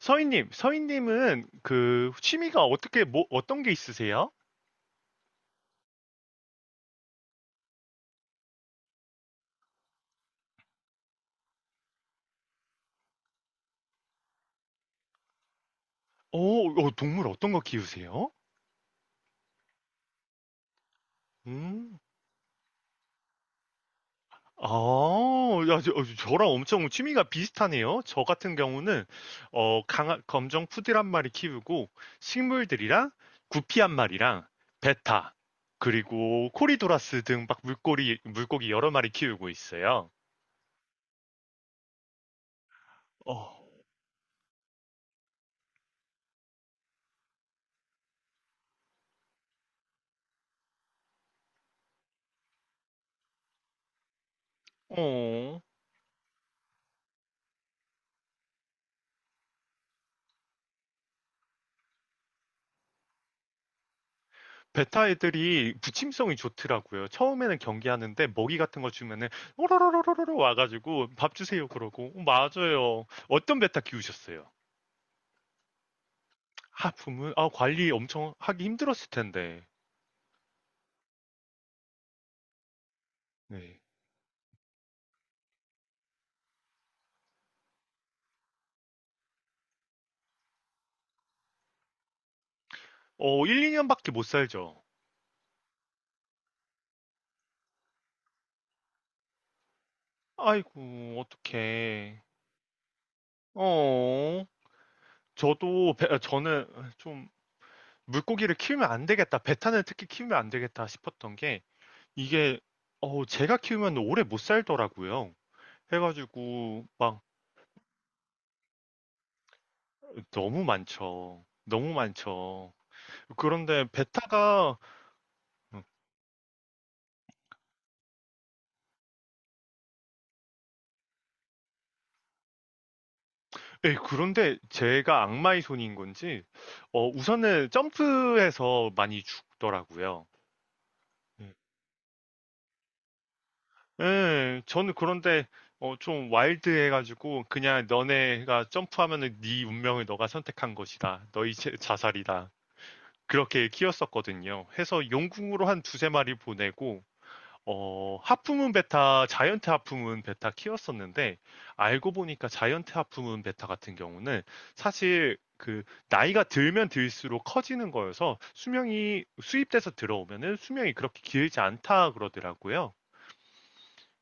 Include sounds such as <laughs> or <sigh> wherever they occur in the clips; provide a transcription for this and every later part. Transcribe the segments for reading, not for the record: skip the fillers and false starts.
서인님은 그 취미가 어떻게 뭐 어떤 게 있으세요? 오, 동물 어떤 거 키우세요? 음, 아, 야, 저랑 엄청 취미가 비슷하네요. 저 같은 경우는 검정 푸들 한 마리 키우고, 식물들이랑 구피 한 마리랑 베타, 그리고 코리도라스 등 막 물고기 여러 마리 키우고 있어요. 어, 어. 베타 애들이 부침성이 좋더라고요. 처음에는 경계하는데 먹이 같은 거 주면은 오로로로로로 와가지고 "밥 주세요" 그러고, 맞아요. 어떤 베타 키우셨어요? 아 부모 아 관리 엄청 하기 힘들었을 텐데. 네. 1, 2년밖에 못 살죠. 아이고 어떡해. 어 저도 저는 좀 물고기를 키우면 안 되겠다, 베타는 특히 키우면 안 되겠다 싶었던 게, 이게 제가 키우면 오래 못 살더라고요. 해가지고 막 너무 많죠. 너무 많죠. 그런데 베타가 음, 에이, 그런데 제가 악마의 손인 건지, 우선은 점프해서 많이 죽더라고요. 음. 예, 저는, 그런데 좀 와일드해가지고 그냥 너네가 점프하면은 네 운명을 너가 선택한 것이다, 너희 자살이다, 그렇게 키웠었거든요. 해서 용궁으로 한 두세 마리 보내고, 하프문 베타, 자이언트 하프문 베타 키웠었는데, 알고 보니까 자이언트 하프문 베타 같은 경우는 사실 그 나이가 들면 들수록 커지는 거여서 수명이, 수입돼서 들어오면은 수명이 그렇게 길지 않다 그러더라고요.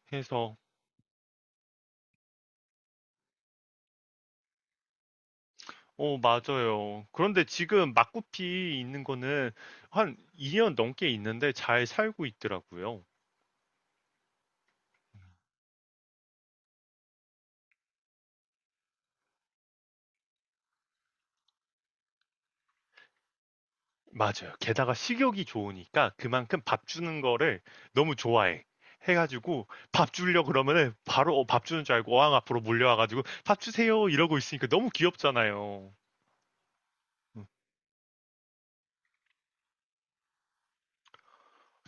그래서 맞아요. 그런데 지금 막구피 있는 거는 한 2년 넘게 있는데 잘 살고 있더라고요. 맞아요. 게다가 식욕이 좋으니까 그만큼 밥 주는 거를 너무 좋아해. 해 가지고 밥 주려 그러면은 바로 밥 주는 줄 알고 어항 앞으로 몰려와 가지고 "밥 주세요." 이러고 있으니까 너무 귀엽잖아요. 음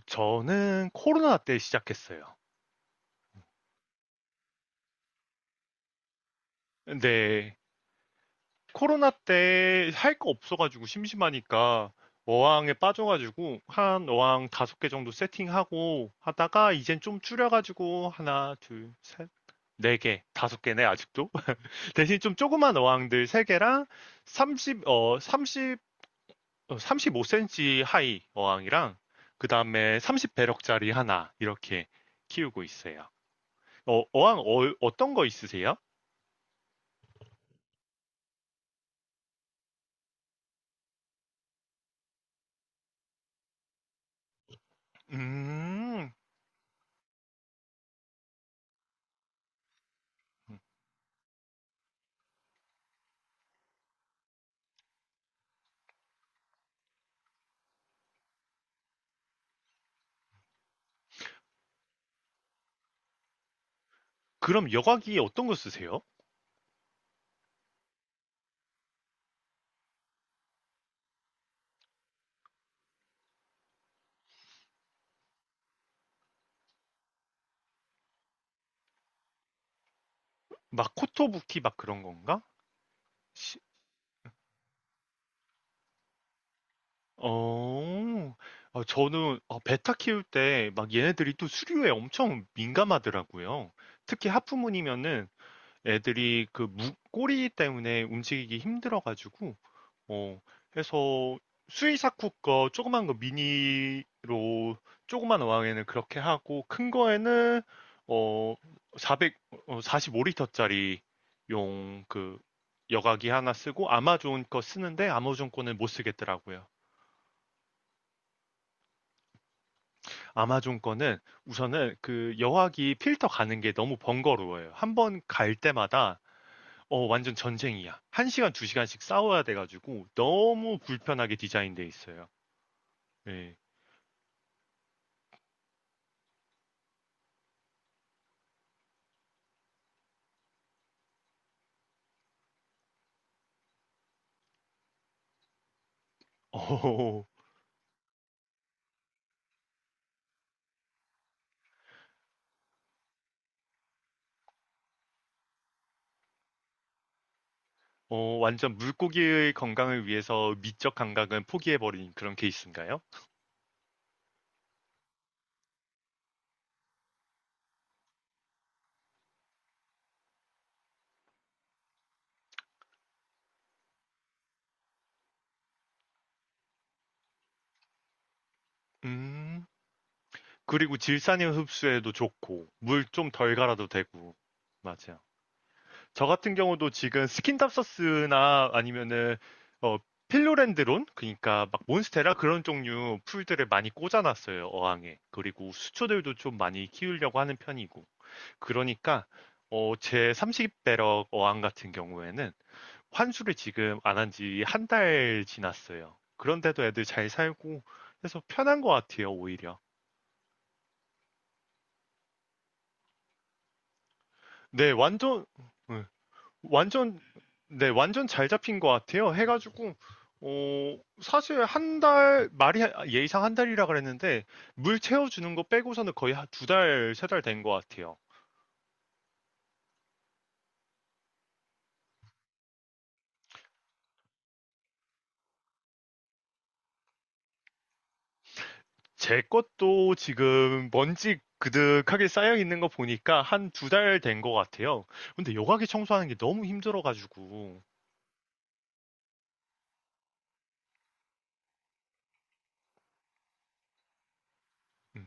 저는 코로나 때 시작했어요. 근데 코로나 때 할 거 없어 가지고 심심하니까 어항에 빠져 가지고, 한 어항 다섯 개 정도 세팅하고 하다가 이젠 좀 줄여 가지고, 하나 둘 셋 네 개, 다섯 개네 아직도. 대신 좀 조그만 어항들 세 개랑 30, 35cm 하이 어항이랑, 그 다음에 30배럭짜리 하나, 이렇게 키우고 있어요. 어항 떤거 있으세요? 음, 그럼 여과기 어떤 거 쓰세요? 막 코토부키 막 그런 건가? 시- 어, 저는 베타 키울 때 막 얘네들이 또 수류에 엄청 민감하더라고요. 특히 하프문이면은 애들이 그 꼬리 때문에 움직이기 힘들어가지고 어 해서 수이사쿠 거 조그만 거 미니로 조그만 어항에는 그렇게 하고, 큰 거에는 어 4 0 45리터짜리 용, 그 여과기 하나 쓰고 아마존 거 쓰는데, 아마존 거는 못 쓰겠더라고요. 아마존 거는 우선은 그 여과기 필터 가는 게 너무 번거로워요. 한 번 갈 때마다 완전 전쟁이야. 1시간, 2시간씩 싸워야 돼가지고 너무 불편하게 디자인돼 있어요. 네. 어, 완전 물고기의 건강을 위해서 미적 감각은 포기해버린 그런 케이스인가요? 음, 그리고 질산염 흡수에도 좋고, 물 좀 덜 갈아도 되고. 맞아. 저 같은 경우도 지금 스킨답서스나 아니면은 어, 필로렌드론, 그러니까 막 몬스테라 그런 종류 풀들을 많이 꽂아놨어요 어항에. 그리고 수초들도 좀 많이 키우려고 하는 편이고. 그러니까 제 30배럭 어항 같은 경우에는 환수를 지금 안한지 한 달 지났어요. 그런데도 애들 잘 살고, 해서 편한 것 같아요, 오히려. 네, 완전. 네, 완전. 네, 완전 잘 잡힌 것 같아요. 해가지고, 사실 한 달, 말이 예의상 한 달이라 그랬는데, 물 채워주는 거 빼고서는 거의 한 두 달, 세 달 된 것 같아요. 제 것도 지금 먼지 그득하게 쌓여 있는 거 보니까 한 두 달 된 것 같아요. 근데 여과기 청소하는 게 너무 힘들어가지고. 음,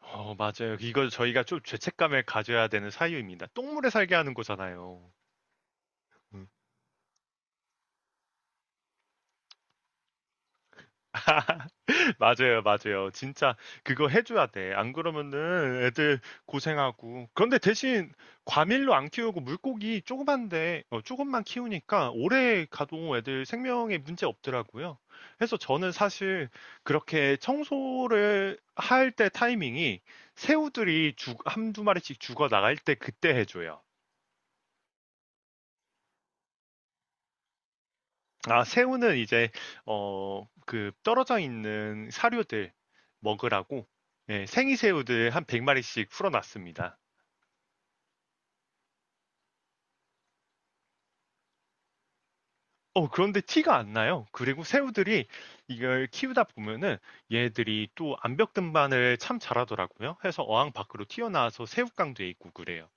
맞아요. 이거 저희가 좀 죄책감을 가져야 되는 사유입니다. 똥물에 살게 하는 거잖아요. 음. <laughs> 맞아요, 맞아요. 진짜 그거 해줘야 돼. 안 그러면은 애들 고생하고. 그런데 대신 과밀로 안 키우고 물고기 조그만데, 조금만 키우니까 오래 가도 애들 생명에 문제 없더라고요. 그래서 저는 사실 그렇게 청소를 할 때 타이밍이, 새우들이 죽, 한두 마리씩 죽어 나갈 때 그때 해줘요. 아, 새우는 이제 그 떨어져 있는 사료들 먹으라고, 예, 생이 새우들 한 100 마리씩 풀어 놨습니다. 그런데 티가 안 나요. 그리고 새우들이 이걸 키우다 보면은 얘들이 또 암벽 등반을 참 잘하더라고요. 해서 어항 밖으로 튀어나와서 새우깡도 있고 그래요.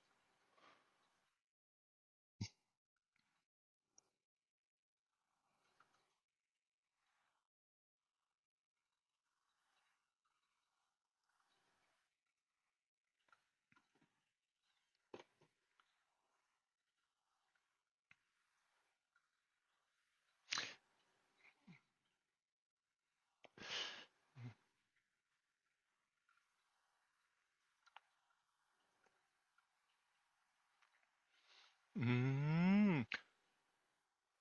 음.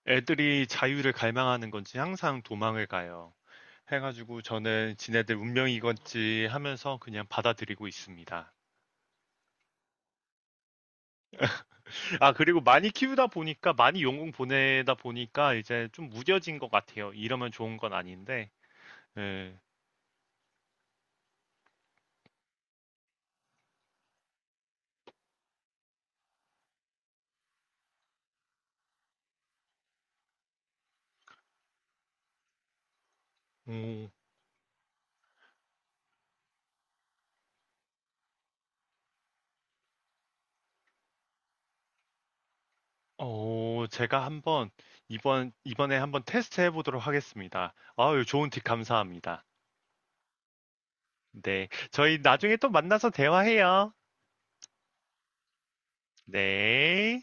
애들이 자유를 갈망하는 건지 항상 도망을 가요. 해 가지고 저는 '지네들 운명이건지' 하면서 그냥 받아들이고 있습니다. 아, 그리고 많이 키우다 보니까, 많이 용궁 보내다 보니까 이제 좀 무뎌진 것 같아요. 이러면 좋은 건 아닌데. 예. 음, 제가 이번에 한번 테스트 해보도록 하겠습니다. 아유, 좋은 팁 감사합니다. 네. 저희 나중에 또 만나서 대화해요. 네.